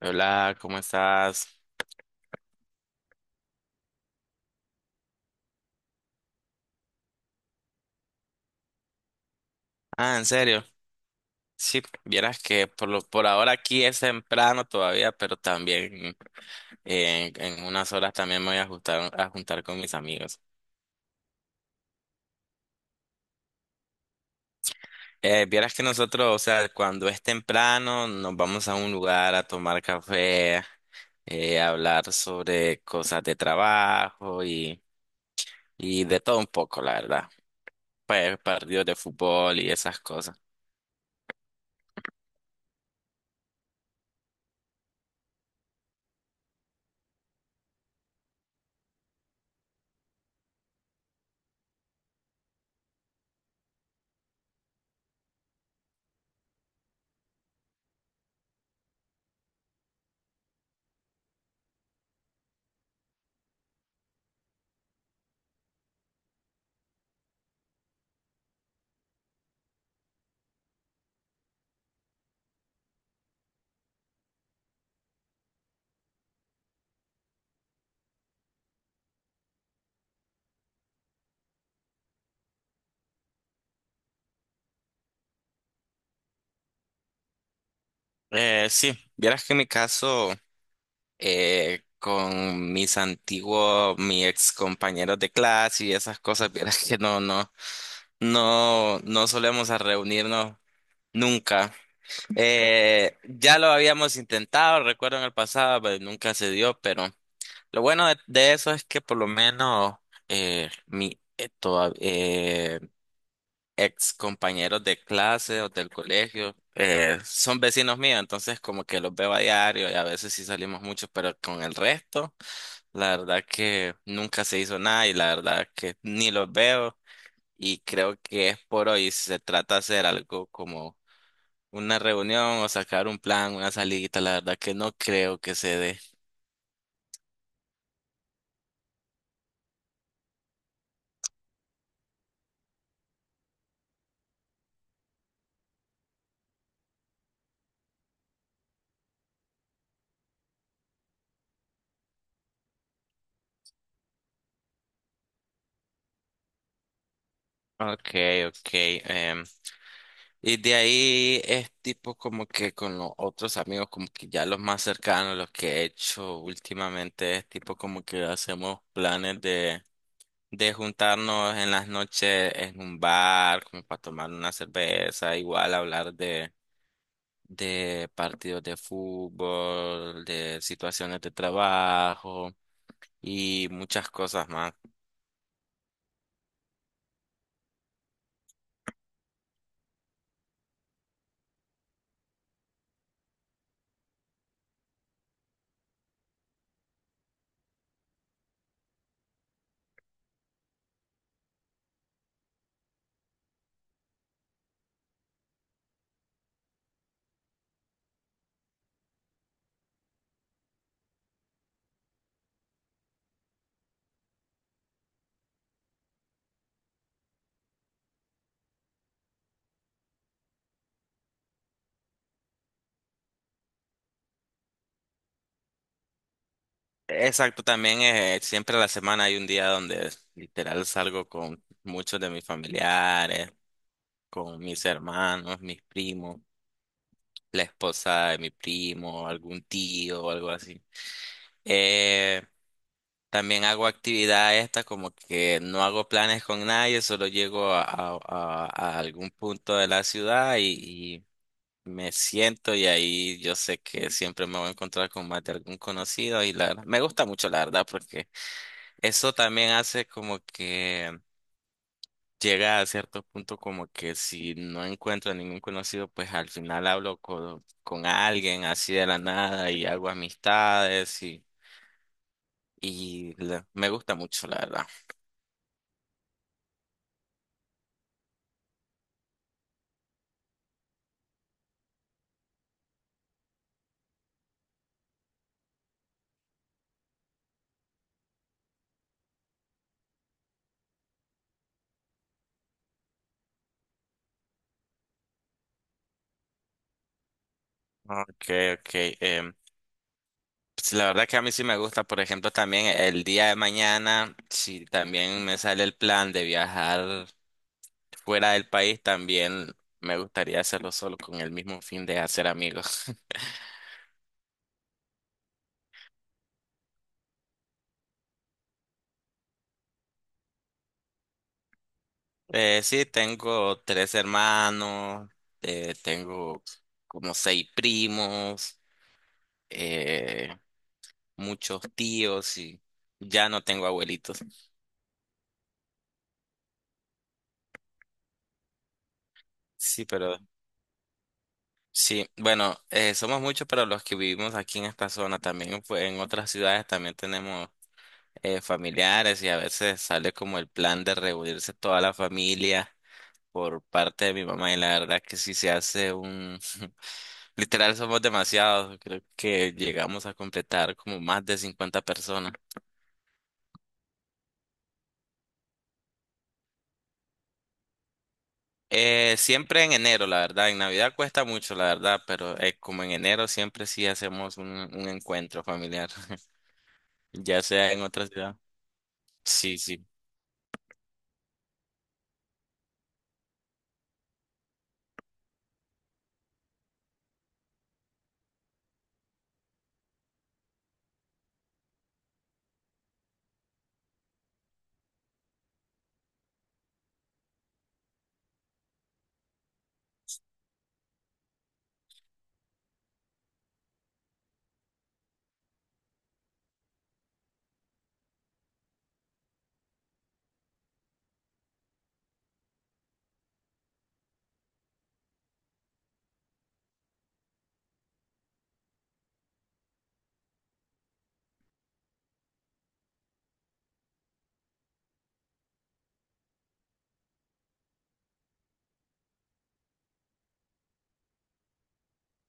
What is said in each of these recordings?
Hola, ¿cómo estás? Ah, ¿en serio? Sí, vieras que por ahora aquí es temprano todavía, pero también en unas horas también me voy a juntar, con mis amigos. Vieras que nosotros, o sea, cuando es temprano, nos vamos a un lugar a tomar café, a hablar sobre cosas de trabajo y de todo un poco, la verdad. Pues partidos de fútbol y esas cosas. Sí, vieras que en mi caso. Con mis antiguos, mis ex compañeros de clase y esas cosas, vieras que no solemos a reunirnos nunca. Ya lo habíamos intentado, recuerdo en el pasado, pero nunca se dio, pero lo bueno de eso es que por lo menos eh, mi eh, toda- eh, ex compañeros de clase o del colegio, son vecinos míos, entonces como que los veo a diario y a veces sí salimos mucho, pero con el resto. La verdad que nunca se hizo nada y la verdad que ni los veo y creo que es por hoy. Si Se trata de hacer algo como una reunión o sacar un plan, una salidita. La verdad que no creo que se dé. Okay, okay. em, y de ahí es tipo como que con los otros amigos, como que ya los más cercanos, los que he hecho últimamente, es tipo como que hacemos planes de juntarnos en las noches en un bar, como para tomar una cerveza, igual hablar de partidos de fútbol, de situaciones de trabajo y muchas cosas más. Exacto, también siempre a la semana hay un día donde literal salgo con muchos de mis familiares, con mis hermanos, mis primos, la esposa de mi primo, algún tío o algo así. Eh, También hago actividades estas como que no hago planes con nadie, solo llego a algún punto de la ciudad y me siento y ahí yo sé que siempre me voy a encontrar con más de algún conocido y la verdad, me gusta mucho la verdad porque eso también hace como que llega a cierto punto como que si no encuentro ningún conocido, pues al final hablo con alguien así de la nada y hago amistades y me gusta mucho la verdad. Ok, ok. em, pues, la verdad que a mí sí me gusta, por ejemplo, también el día de mañana, si también me sale el plan de viajar fuera del país, también me gustaría hacerlo solo con el mismo fin de hacer amigos. Sí, tengo tres hermanos, tengo como seis primos, eh, muchos tíos y ya no tengo abuelitos. Sí, pero sí, bueno, somos muchos, pero los que vivimos aquí en esta zona también, pues en otras ciudades también tenemos familiares y a veces sale como el plan de reunirse toda la familia por parte de mi mamá y la verdad que sí se hace un... Literal somos demasiados, creo que llegamos a completar como más de 50 personas. Siempre en enero, la verdad, en Navidad cuesta mucho, la verdad, pero como en enero siempre sí hacemos un encuentro familiar, ya sea en otras ciudades. Sí, sí.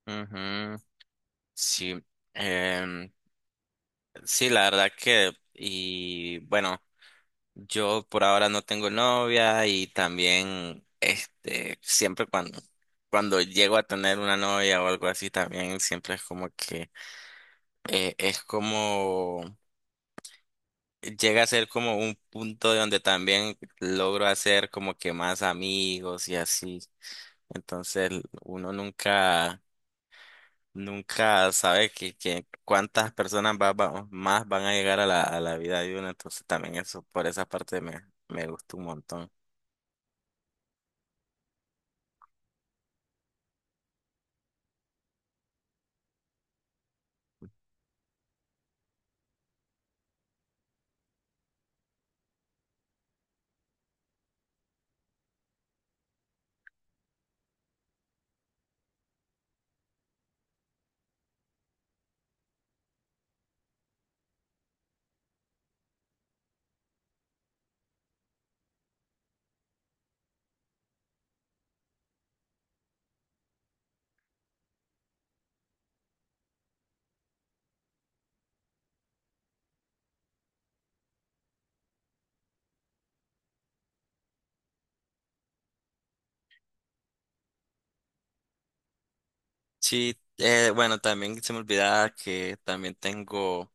Ujú, sí. Em, sí, la verdad que, y bueno, yo por ahora no tengo novia y también, este, cuando llego a tener una novia o algo así, también siempre es como que, eh, es como, llega a ser como un punto de donde también logro hacer como que más amigos y así. Entonces, uno nunca... Nunca sabes que cuántas personas más van a llegar a la vida de uno, entonces también eso, por esa parte me gusta un montón. Sí, bueno, también se me olvidaba que también tengo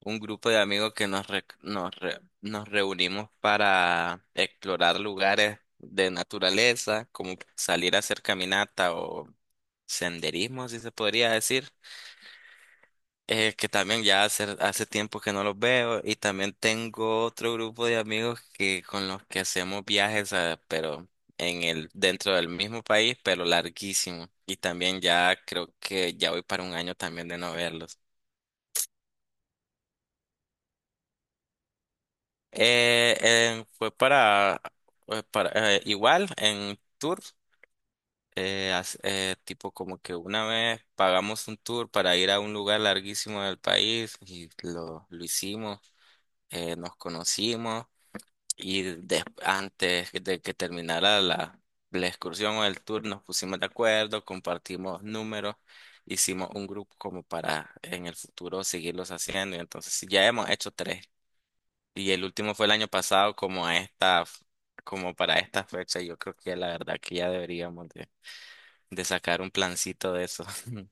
un grupo de amigos que nos reunimos para explorar lugares de naturaleza, como salir a hacer caminata o senderismo, si se podría decir. Que también ya hace tiempo que no los veo y también tengo otro grupo de amigos que con los que hacemos viajes, a- pero en el dentro del mismo país, pero larguísimo. Y también ya creo que ya voy para un año también de no verlos. Eh, eh, fue para, Fue para igual en tour, tipo como que una vez pagamos un tour para ir a un lugar larguísimo del país y lo hicimos, nos conocimos. Antes de que terminara la excursión o el tour, nos pusimos de acuerdo, compartimos números, hicimos un grupo como para en el futuro seguirlos haciendo. Y entonces sí, ya hemos hecho tres. Y el último fue el año pasado, como para esta fecha. Yo creo que la verdad que ya deberíamos de sacar un plancito de eso.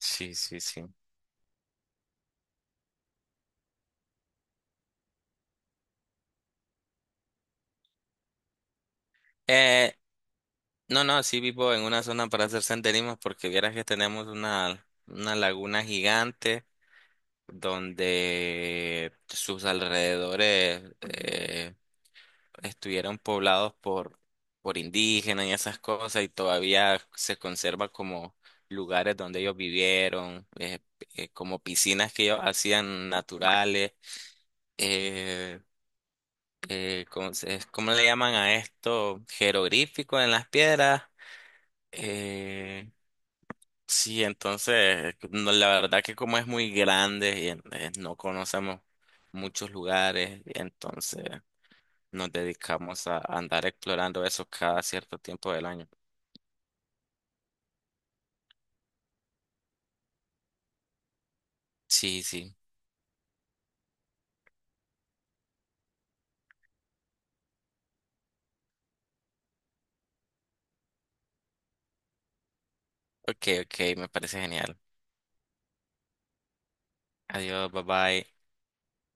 Sí, sí, sí. Eh, no, sí vivo en una zona para hacer senderismo porque vieras que tenemos una laguna gigante, donde sus alrededores estuvieron poblados por indígenas y esas cosas, y todavía se conserva como lugares donde ellos vivieron, como piscinas que ellos hacían naturales. eh, ¿Cómo, cómo le llaman a esto? Jeroglífico en las piedras. eh, Sí, entonces, no, la verdad que como es muy grande no conocemos muchos lugares, entonces nos dedicamos a andar explorando eso cada cierto tiempo del año. Sí, sí. Ok, ok, me parece genial. Adiós, bye bye.